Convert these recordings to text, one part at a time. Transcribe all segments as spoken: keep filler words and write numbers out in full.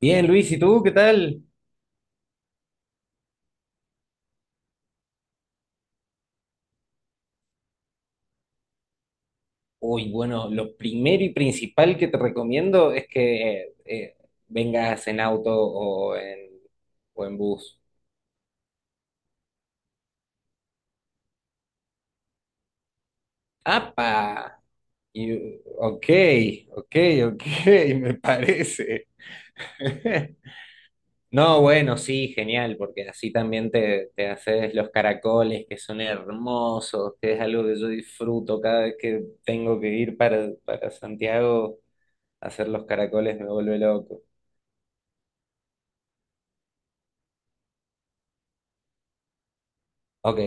Bien, Luis, ¿y tú qué tal? Uy, bueno, lo primero y principal que te recomiendo es que eh, eh, vengas en auto o en, o en bus. ¡Apa! Y- ok, ok, ok, me parece. No, bueno, sí, genial, porque así también te, te haces los caracoles que son hermosos, que es algo que yo disfruto cada vez que tengo que ir para, para Santiago. Hacer los caracoles me vuelve loco. Ok.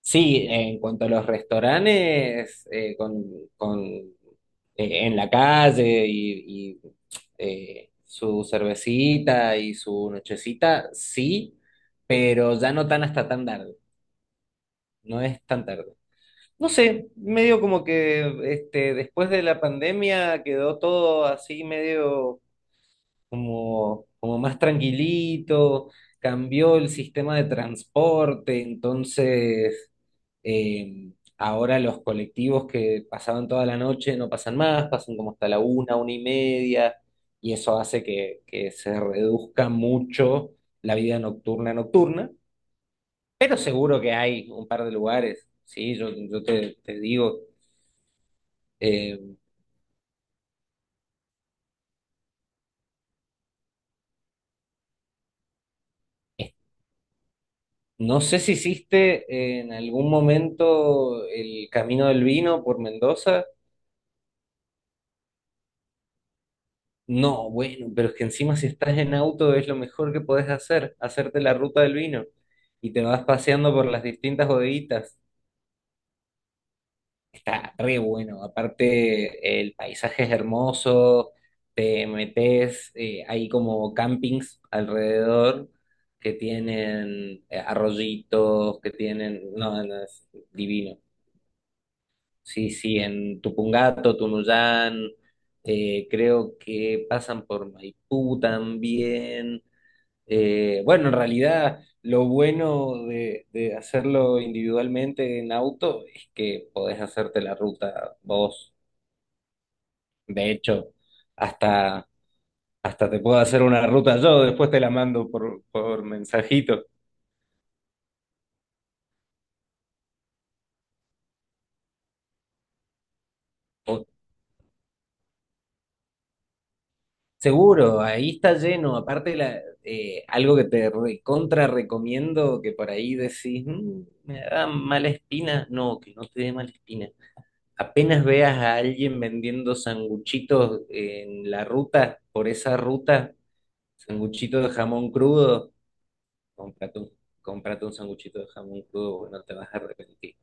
Sí, en cuanto a los restaurantes, eh, con, con, eh, en la calle y, y, eh, su cervecita y su nochecita, sí, pero ya no tan hasta tan tarde, no es tan tarde. No sé, medio como que este, después de la pandemia quedó todo así medio como, como más tranquilito. Cambió el sistema de transporte, entonces eh, ahora los colectivos que pasaban toda la noche no pasan más, pasan como hasta la una, una y media, y eso hace que, que se reduzca mucho la vida nocturna nocturna, pero seguro que hay un par de lugares, sí, yo, yo te, te digo, eh, es- no sé si hiciste en algún momento el Camino del Vino por Mendoza. No, bueno, pero es que encima si estás en auto es lo mejor que podés hacer, hacerte la ruta del vino y te vas paseando por las distintas bodeguitas. Está re bueno, aparte el paisaje es hermoso, te metes, eh, hay como campings alrededor que tienen eh, arroyitos, que tienen, no, no, es divino. Sí, sí, en Tupungato, Tunuyán, eh, creo que pasan por Maipú también. Eh, bueno, en realidad lo bueno de, de hacerlo individualmente en auto es que podés hacerte la ruta vos. De hecho, hasta, hasta te puedo hacer una ruta yo, después te la mando por, por mensajito. O- seguro, ahí está lleno. Aparte, la, eh, algo que te recontra recomiendo, que por ahí decís, "Mm, me da mala espina". No, que no te dé mala espina. Apenas veas a alguien vendiendo sanguchitos en la ruta, por esa ruta, sanguchito de jamón crudo, cómprate un, cómprate un sanguchito de jamón crudo, porque no te vas a arrepentir.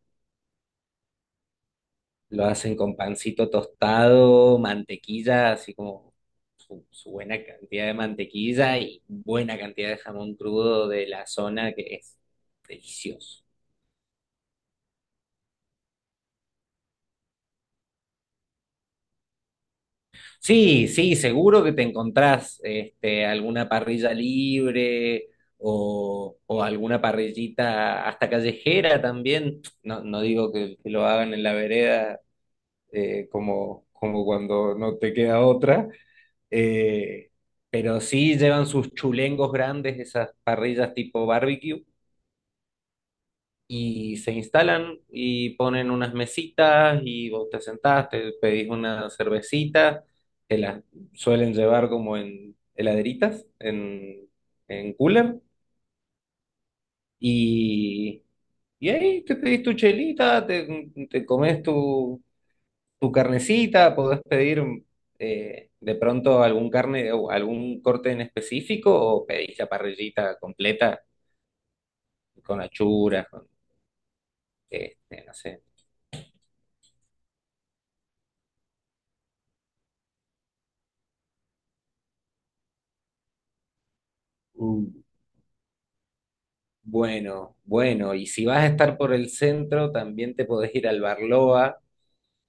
Lo hacen con pancito tostado, mantequilla, así como su, su buena cantidad de mantequilla y buena cantidad de jamón crudo de la zona, que es delicioso. Sí, sí, seguro que te encontrás este, alguna parrilla libre o, o alguna parrillita hasta callejera también. No, no digo que, que lo hagan en la vereda eh, como, como cuando no te queda otra, eh, pero sí llevan sus chulengos grandes, esas parrillas tipo barbecue, y se instalan y ponen unas mesitas y vos te sentás, te pedís una cervecita, que las suelen llevar como en heladeritas, en, en cooler, y, y ahí te pedís tu chelita, te, te comes tu, tu carnecita, podés pedir eh, de pronto algún carne o algún corte en específico o pedís la parrillita completa con achuras, con, este, no sé Bueno, bueno, y si vas a estar por el centro, también te podés ir al Barloa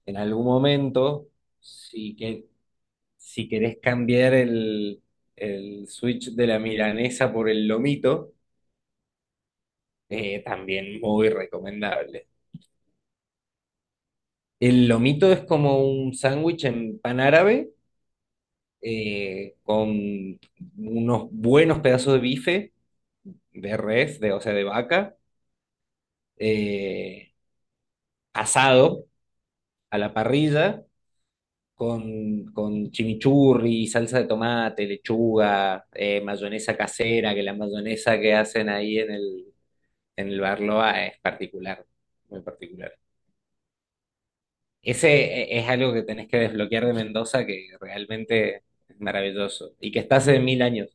en algún momento, si, que, si querés cambiar el, el switch de la milanesa por el lomito, eh, también muy recomendable. El lomito es como un sándwich en pan árabe, eh, con unos buenos pedazos de bife, de res, de, o sea, de vaca, eh, asado a la parrilla con, con chimichurri, salsa de tomate, lechuga, eh, mayonesa casera, que la mayonesa que hacen ahí en el, en el Barloa es particular, muy particular. Ese eh, es algo que tenés que desbloquear de Mendoza, que realmente es maravilloso, y que está hace mil años.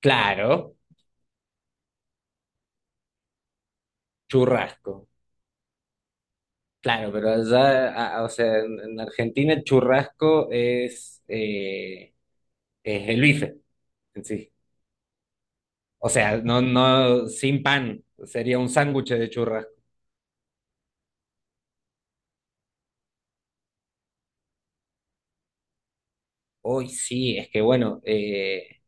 Claro, churrasco. Claro, pero allá, a- a- o sea, en, en Argentina el churrasco es, eh, es el bife en sí. O sea, no, no, sin pan, sería un sándwich de churrasco. Hoy sí, es que bueno, eh,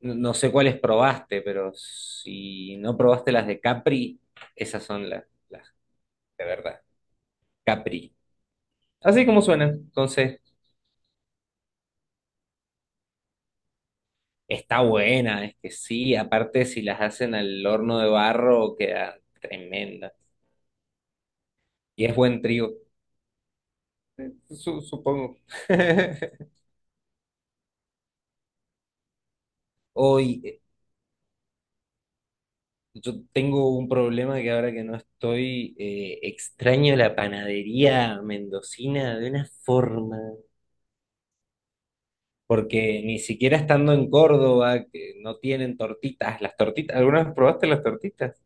no no sé cuáles probaste, pero si no probaste las de Capri, esas son las, las de verdad, Capri. Así como suenan, entonces está buena, es que sí, aparte si las hacen al horno de barro queda tremenda. Y es buen trigo, su- supongo. Hoy yo tengo un problema que ahora que no estoy, eh, extraño la panadería mendocina de una forma, porque ni siquiera estando en Córdoba, que no tienen tortitas, las tortitas, ¿alguna vez probaste las tortitas?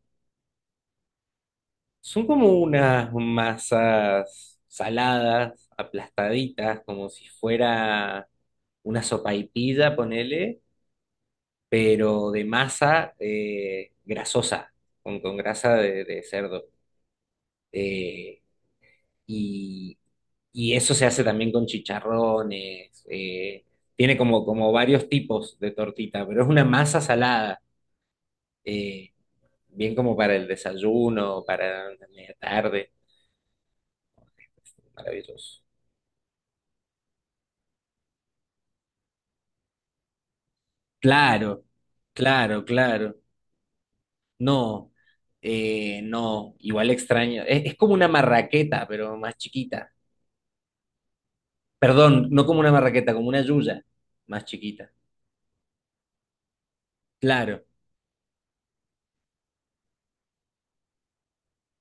Son como unas masas saladas, aplastaditas, como si fuera una sopaipilla, ponele, pero de masa eh, grasosa, con, con grasa de de cerdo. Eh, y, y eso se hace también con chicharrones, eh, tiene como, como varios tipos de tortita, pero es una masa salada, eh, bien como para el desayuno, para la media tarde, maravilloso. Claro, claro, claro. No, eh, no, igual extraño. Es, es como una marraqueta, pero más chiquita. Perdón, no como una marraqueta, como una yuya, más chiquita. Claro.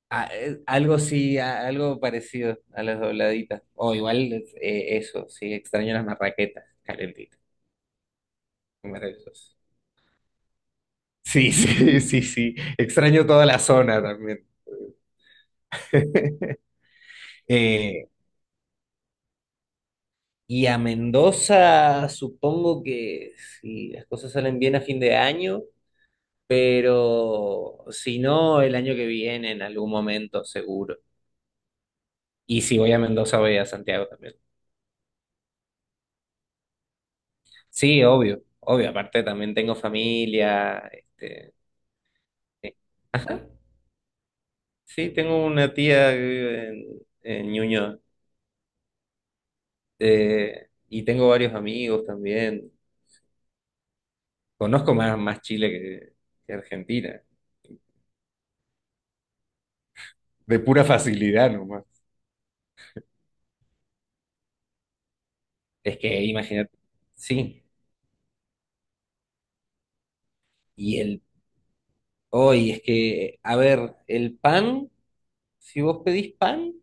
a- eh, algo sí, a- algo parecido a las dobladitas. O igual eh, eso, sí, extraño las marraquetas calentitas, maravillosas. Sí, sí, sí, sí. Extraño toda la zona también. Eh, y a Mendoza, supongo que si las cosas salen bien a fin de año, pero si no, el año que viene, en algún momento, seguro. Y si voy a Mendoza, voy a Santiago también. Sí, obvio, obvio. Aparte, también tengo familia, este. Sí. Ajá. Sí, tengo una tía que vive en, en Ñuñoa. Eh, y tengo varios amigos también. Conozco más, más Chile que, que Argentina. De pura facilidad nomás. Es que imagínate. Sí. Y el hoy es que, a ver, el pan, si vos pedís pan,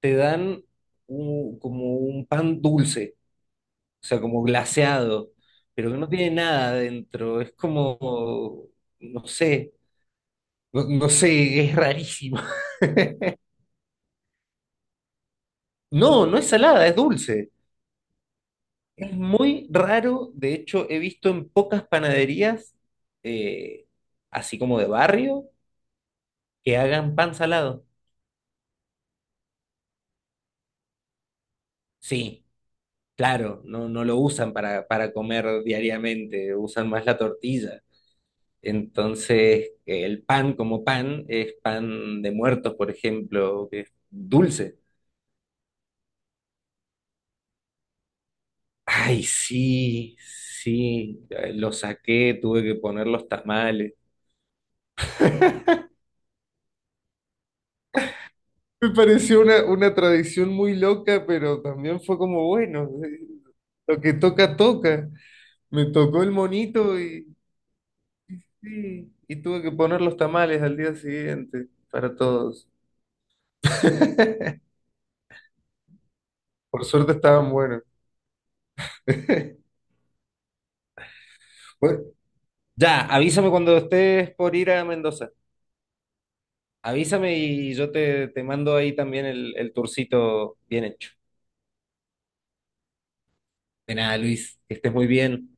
te dan un- como un pan dulce, o sea, como glaseado, pero que no tiene nada adentro. Es como, no sé. No, no sé, es rarísimo. No, no es salada, es dulce. Es muy raro. De hecho, he visto en pocas panaderías, eh, así como de barrio, que hagan pan salado. Sí, claro, no, no lo usan para, para comer diariamente, usan más la tortilla. Entonces, eh, el pan como pan es pan de muertos, por ejemplo, que es dulce. Ay, sí, sí, eh, lo saqué, tuve que poner los tamales. Me pareció una, una tradición muy loca, pero también fue como, bueno, eh, lo que toca, toca. Me tocó el monito y sí, y tuve que poner los tamales al día siguiente para todos. Por suerte estaban buenos. Bueno, ya, avísame cuando estés por ir a Mendoza. Avísame y yo te, te mando ahí también el, el tourcito bien hecho. De nada, Luis, que estés muy bien.